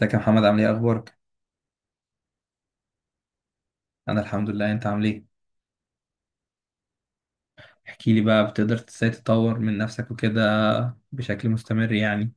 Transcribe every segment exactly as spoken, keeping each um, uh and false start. ازيك يا محمد، عامل ايه اخبارك؟ انا الحمد لله، انت عامل ايه؟ احكي لي بقى، بتقدر ازاي تطور من نفسك وكده بشكل مستمر يعني؟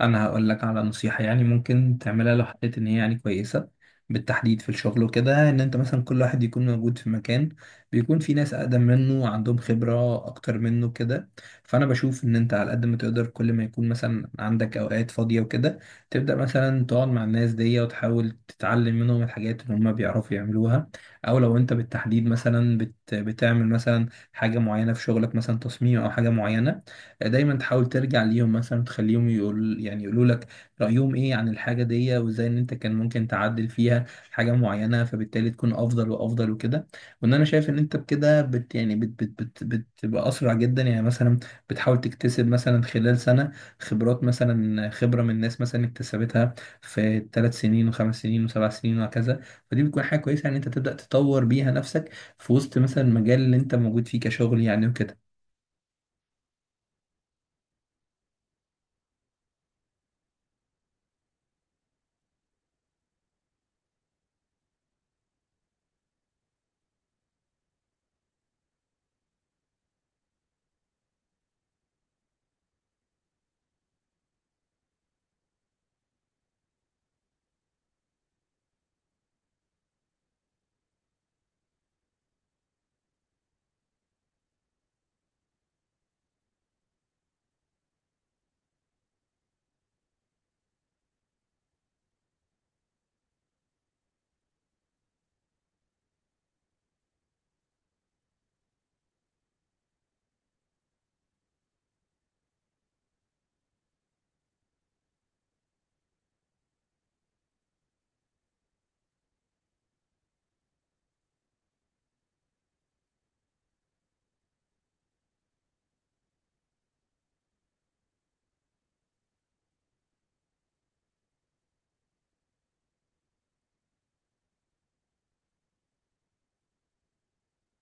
انا هقول لك على نصيحة يعني ممكن تعملها لو حسيت ان هي يعني كويسة. بالتحديد في الشغل وكده، ان انت مثلا كل واحد يكون موجود في مكان بيكون في ناس اقدم منه وعندهم خبرة اكتر منه كده، فانا بشوف ان انت على قد ما تقدر كل ما يكون مثلا عندك اوقات فاضية وكده تبدأ مثلا تقعد مع الناس دي وتحاول تتعلم منهم الحاجات اللي هم بيعرفوا يعملوها. او لو انت بالتحديد مثلا بت... بتعمل مثلا حاجة معينة في شغلك، مثلا تصميم او حاجة معينة، دايما تحاول ترجع ليهم مثلا تخليهم يقول يعني يقولوا لك رأيهم ايه عن الحاجة دي وازاي ان انت كان ممكن تعدل فيها حاجة معينة، فبالتالي تكون افضل وافضل وكده. وان انا شايف ان انت بكده بت يعني بت بت بت بتبقى اسرع جدا يعني. مثلا بتحاول تكتسب مثلا خلال سنة خبرات، مثلا خبرة من الناس مثلا اكتسبتها في ثلاث سنين وخمس سنين وسبع سنين وهكذا. فدي بتكون حاجة كويسة ان انت تبدأ تطور بيها نفسك في وسط مثلا المجال اللي انت موجود فيه كشغل يعني.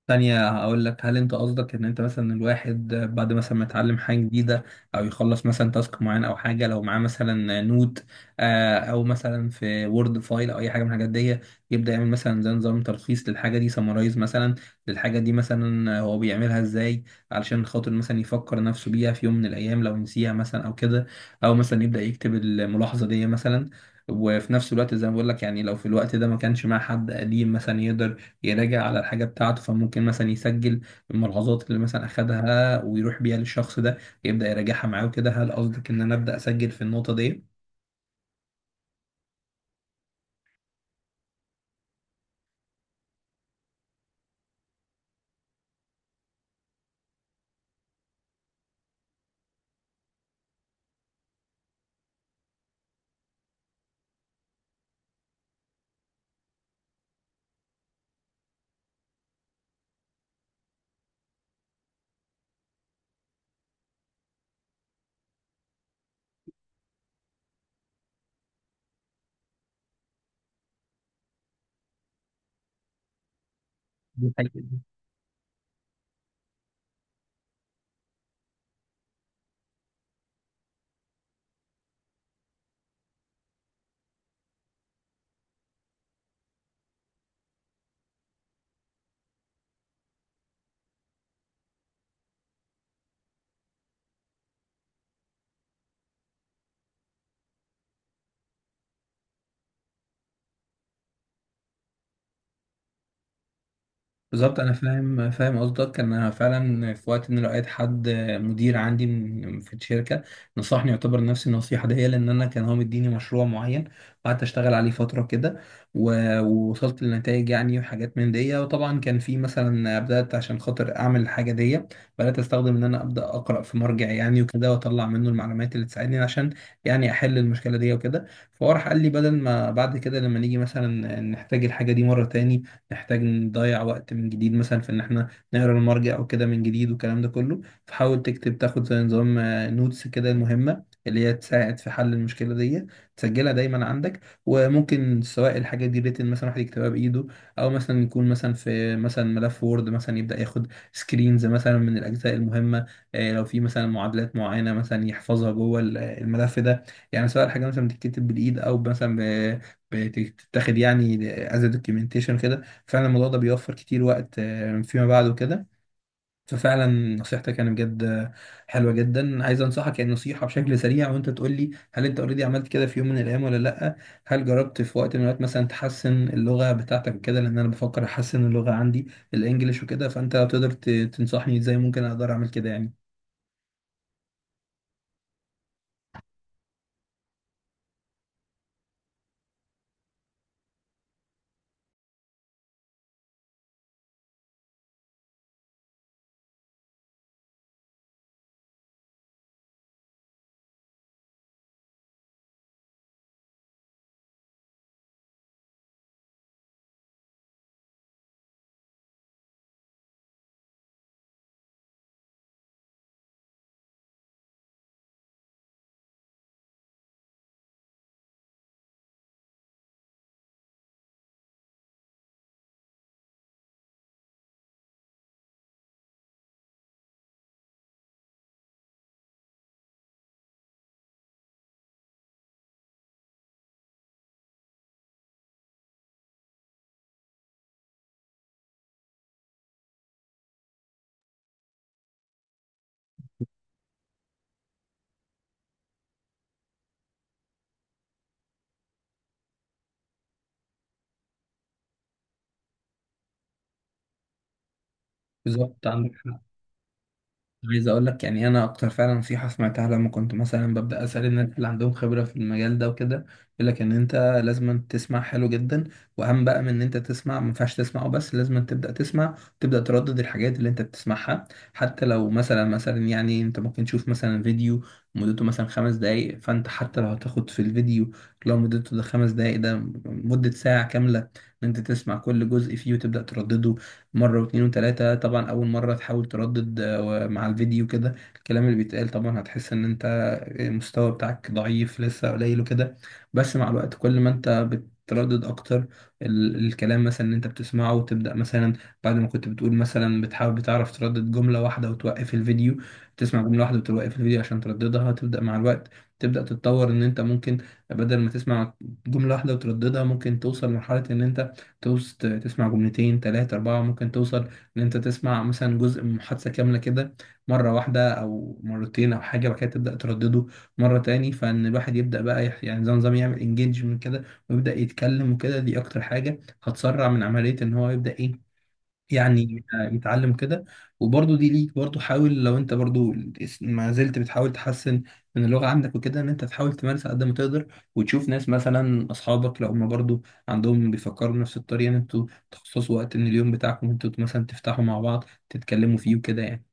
تانية هقول لك، هل انت قصدك ان انت مثلا الواحد بعد مثلا ما يتعلم حاجة جديدة او يخلص مثلا تاسك معين او حاجة، لو معاه مثلا نوت آه، او مثلا في وورد فايل او اي حاجة من الحاجات دي، يبدأ يعمل مثلا زي نظام تلخيص للحاجة دي، سمرايز مثلا للحاجة دي مثلا هو بيعملها ازاي، علشان خاطر مثلا يفكر نفسه بيها في يوم من الايام لو نسيها مثلا او كده؟ او مثلا يبدأ يكتب الملاحظة دي مثلا. وفي نفس الوقت زي ما بقول لك يعني، لو في الوقت ده ما كانش مع حد قديم مثلا يقدر يراجع على الحاجة بتاعته، فممكن مثلا يسجل الملاحظات اللي مثلا أخدها ويروح بيها للشخص ده، يبدأ يراجعها معاه وكده. هل قصدك إن أنا أبدأ أسجل في النقطة دي؟ دي حاجة. بالظبط انا فاهم، فاهم قصدك. انا فعلا في وقت ان لقيت حد مدير عندي من- في الشركه نصحني، يعتبر نفس النصيحه دي، لان انا كان هو مديني مشروع معين وقعدت اشتغل عليه فتره كده و- ووصلت لنتائج يعني وحاجات من دي. وطبعا كان في مثلا، بدات عشان خاطر اعمل الحاجه دي بدات استخدم ان انا ابدا اقرا في مرجع يعني وكده، واطلع منه المعلومات اللي تساعدني عشان يعني احل المشكله دي وكده. فهو راح قال لي بدل ما بعد كده لما نيجي مثلا نحتاج الحاجه دي مره تاني نحتاج نضيع وقت من جديد مثلا في ان احنا نقرا المرجع او كده من جديد والكلام ده كله، فحاول تكتب، تاخد زي نظام نوتس كده، المهمة اللي هي تساعد في حل المشكلة دي تسجلها دايما عندك. وممكن سواء الحاجة دي ريتن مثلا، واحد يكتبها بإيده، أو مثلا يكون مثلا في مثلا ملف وورد مثلا، يبدأ ياخد سكرينز مثلا من الأجزاء المهمة. آه، لو في مثلا معادلات معينة مثلا يحفظها جوه ال- الملف ده. يعني سواء الحاجة مثلا بتتكتب بالإيد أو مثلا ب- بتتاخد يعني از دوكيومنتيشن كده. فعلا الموضوع ده بيوفر كتير وقت آه، فيما بعد وكده. ففعلا نصيحتك يعني بجد آه، حلوة جدا. عايز انصحك يعني نصيحة بشكل سريع، وانت تقول لي هل انت اوريدي عملت كده في يوم من الايام ولا لا. هل جربت في وقت من الاوقات مثلا تحسن اللغة بتاعتك وكده؟ لان انا بفكر احسن اللغة عندي الانجليش وكده، فانت لو تقدر ت- تنصحني ازاي ممكن اقدر اعمل كده يعني. بالظبط عندك حق. عايز اقول لك يعني، انا اكتر فعلا نصيحه سمعتها لما كنت مثلا ببدا اسال الناس اللي عندهم خبره في المجال ده وكده، يقول لك ان انت لازم تسمع حلو جدا. واهم بقى من ان انت تسمع، ما ينفعش تسمع وبس، لازم تبدا تسمع تبدا تردد الحاجات اللي انت بتسمعها. حتى لو مثلا مثلا يعني انت ممكن تشوف مثلا فيديو مدته مثلا خمس دقايق، فانت حتى لو هتاخد في الفيديو لو مدته ده خمس دقايق ده مده ساعه كامله ان انت تسمع كل جزء فيه وتبدا تردده مرة واتنين وتلاتة. طبعا أول مرة تحاول تردد آه، مع الفيديو كده الكلام اللي بيتقال، طبعا هتحس إن أنت المستوى بتاعك ضعيف لسه قليل وكده. بس مع الوقت كل ما أنت بتردد أكتر ال- الكلام مثلا اللي أنت بتسمعه وتبدأ مثلا، بعد ما كنت بتقول مثلا بتحاول بتعرف تردد جملة واحدة وتوقف الفيديو، تسمع جملة واحدة وتوقف الفيديو عشان ترددها، تبدأ مع الوقت تبدأ تتطور إن أنت ممكن بدل ما تسمع جملة واحدة وترددها ممكن توصل لمرحلة إن أنت توص ت- تسمع جملتين تلاتة أربعة، ممكن توصل إن أنت تسمع مثلا جزء من محادثة كاملة كده مرة واحدة أو مرتين أو حاجة، بعد كده تبدأ تردده مرة تاني. فإن الواحد يبدأ بقى يح- يعني زي نظام يعمل انجيجمنت كده ويبدأ يتكلم وكده. دي أكتر حاجة هتسرع من عملية إن هو يبدأ إيه يعني يتعلم كده. وبرضه دي ليك برضه، حاول لو انت برضه ما زلت بتحاول تحسن من اللغة عندك وكده ان انت تحاول تمارس على قد ما تقدر، وتشوف ناس مثلا اصحابك لو هم برضه عندهم بيفكروا بنفس الطريقة ان انتوا تخصصوا وقت من اليوم بتاعكم انتوا مثلا تفتحوا مع بعض تتكلموا فيه وكده يعني.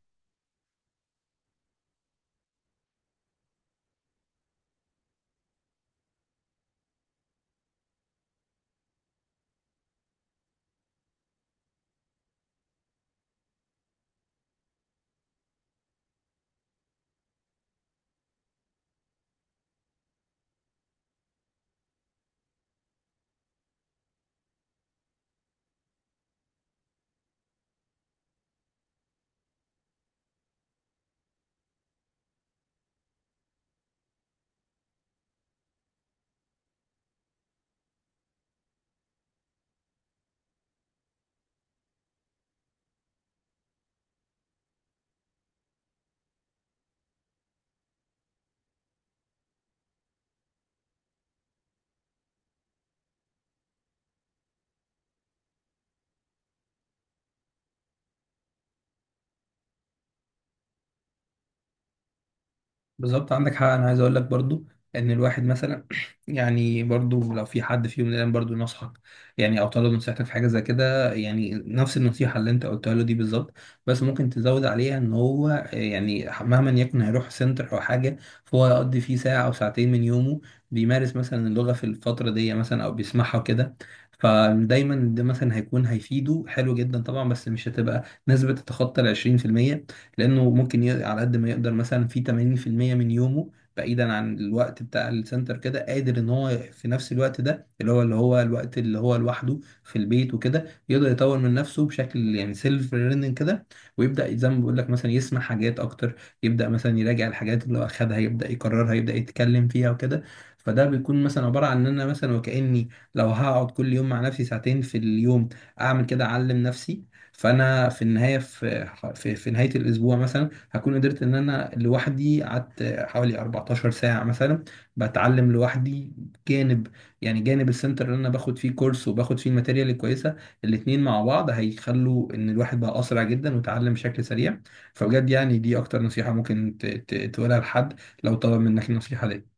بالظبط عندك حق. انا عايز اقول لك برضو ان الواحد مثلا يعني برضو لو في حد فيهم الان برضو نصحك يعني او طلب نصيحتك في حاجه زي كده، يعني نفس النصيحه اللي انت قلتها له دي بالظبط، بس ممكن تزود عليها ان هو يعني مهما يكن هيروح سنتر او حاجه فهو يقضي فيه ساعه او ساعتين من يومه بيمارس مثلا اللغه في الفتره دي مثلا او بيسمعها وكده. فدايما ده مثلا هيكون هيفيده حلو جدا طبعا، بس مش هتبقى نسبة تتخطى ال عشرين في المية. لانه ممكن ي... على قد ما يقدر مثلا في ثمانين في المية من يومه بعيدا عن الوقت بتاع السنتر كده، قادر ان هو في نفس الوقت ده اللي هو اللي هو الوقت اللي هو لوحده في البيت وكده يقدر يطور من نفسه بشكل يعني سيلف ليرنينج كده، ويبدا زي ما بقول لك مثلا يسمع حاجات اكتر، يبدا مثلا يراجع الحاجات اللي اخدها يبدا يكررها يبدا يتكلم فيها وكده. فده بيكون مثلا عباره عن ان انا مثلا وكاني لو هقعد كل يوم مع نفسي ساعتين في اليوم اعمل كده اعلم نفسي، فانا في النهايه، في في في نهاية الأسبوع مثلا هكون قدرت إن أنا لوحدي قعدت حوالي اربعتاشر ساعة مثلا بتعلم لوحدي، جانب يعني جانب السنتر اللي أنا باخد فيه كورس وباخد فيه الماتيريال الكويسة. الاتنين مع بعض هيخلوا إن الواحد بقى أسرع جدا وتعلم بشكل سريع. فبجد يعني دي أكتر نصيحة ممكن ت- ت- تقولها لحد لو طلب منك النصيحة دي.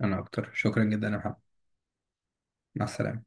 أنا أكتر، شكرا جدا يا محمد. مع السلامة.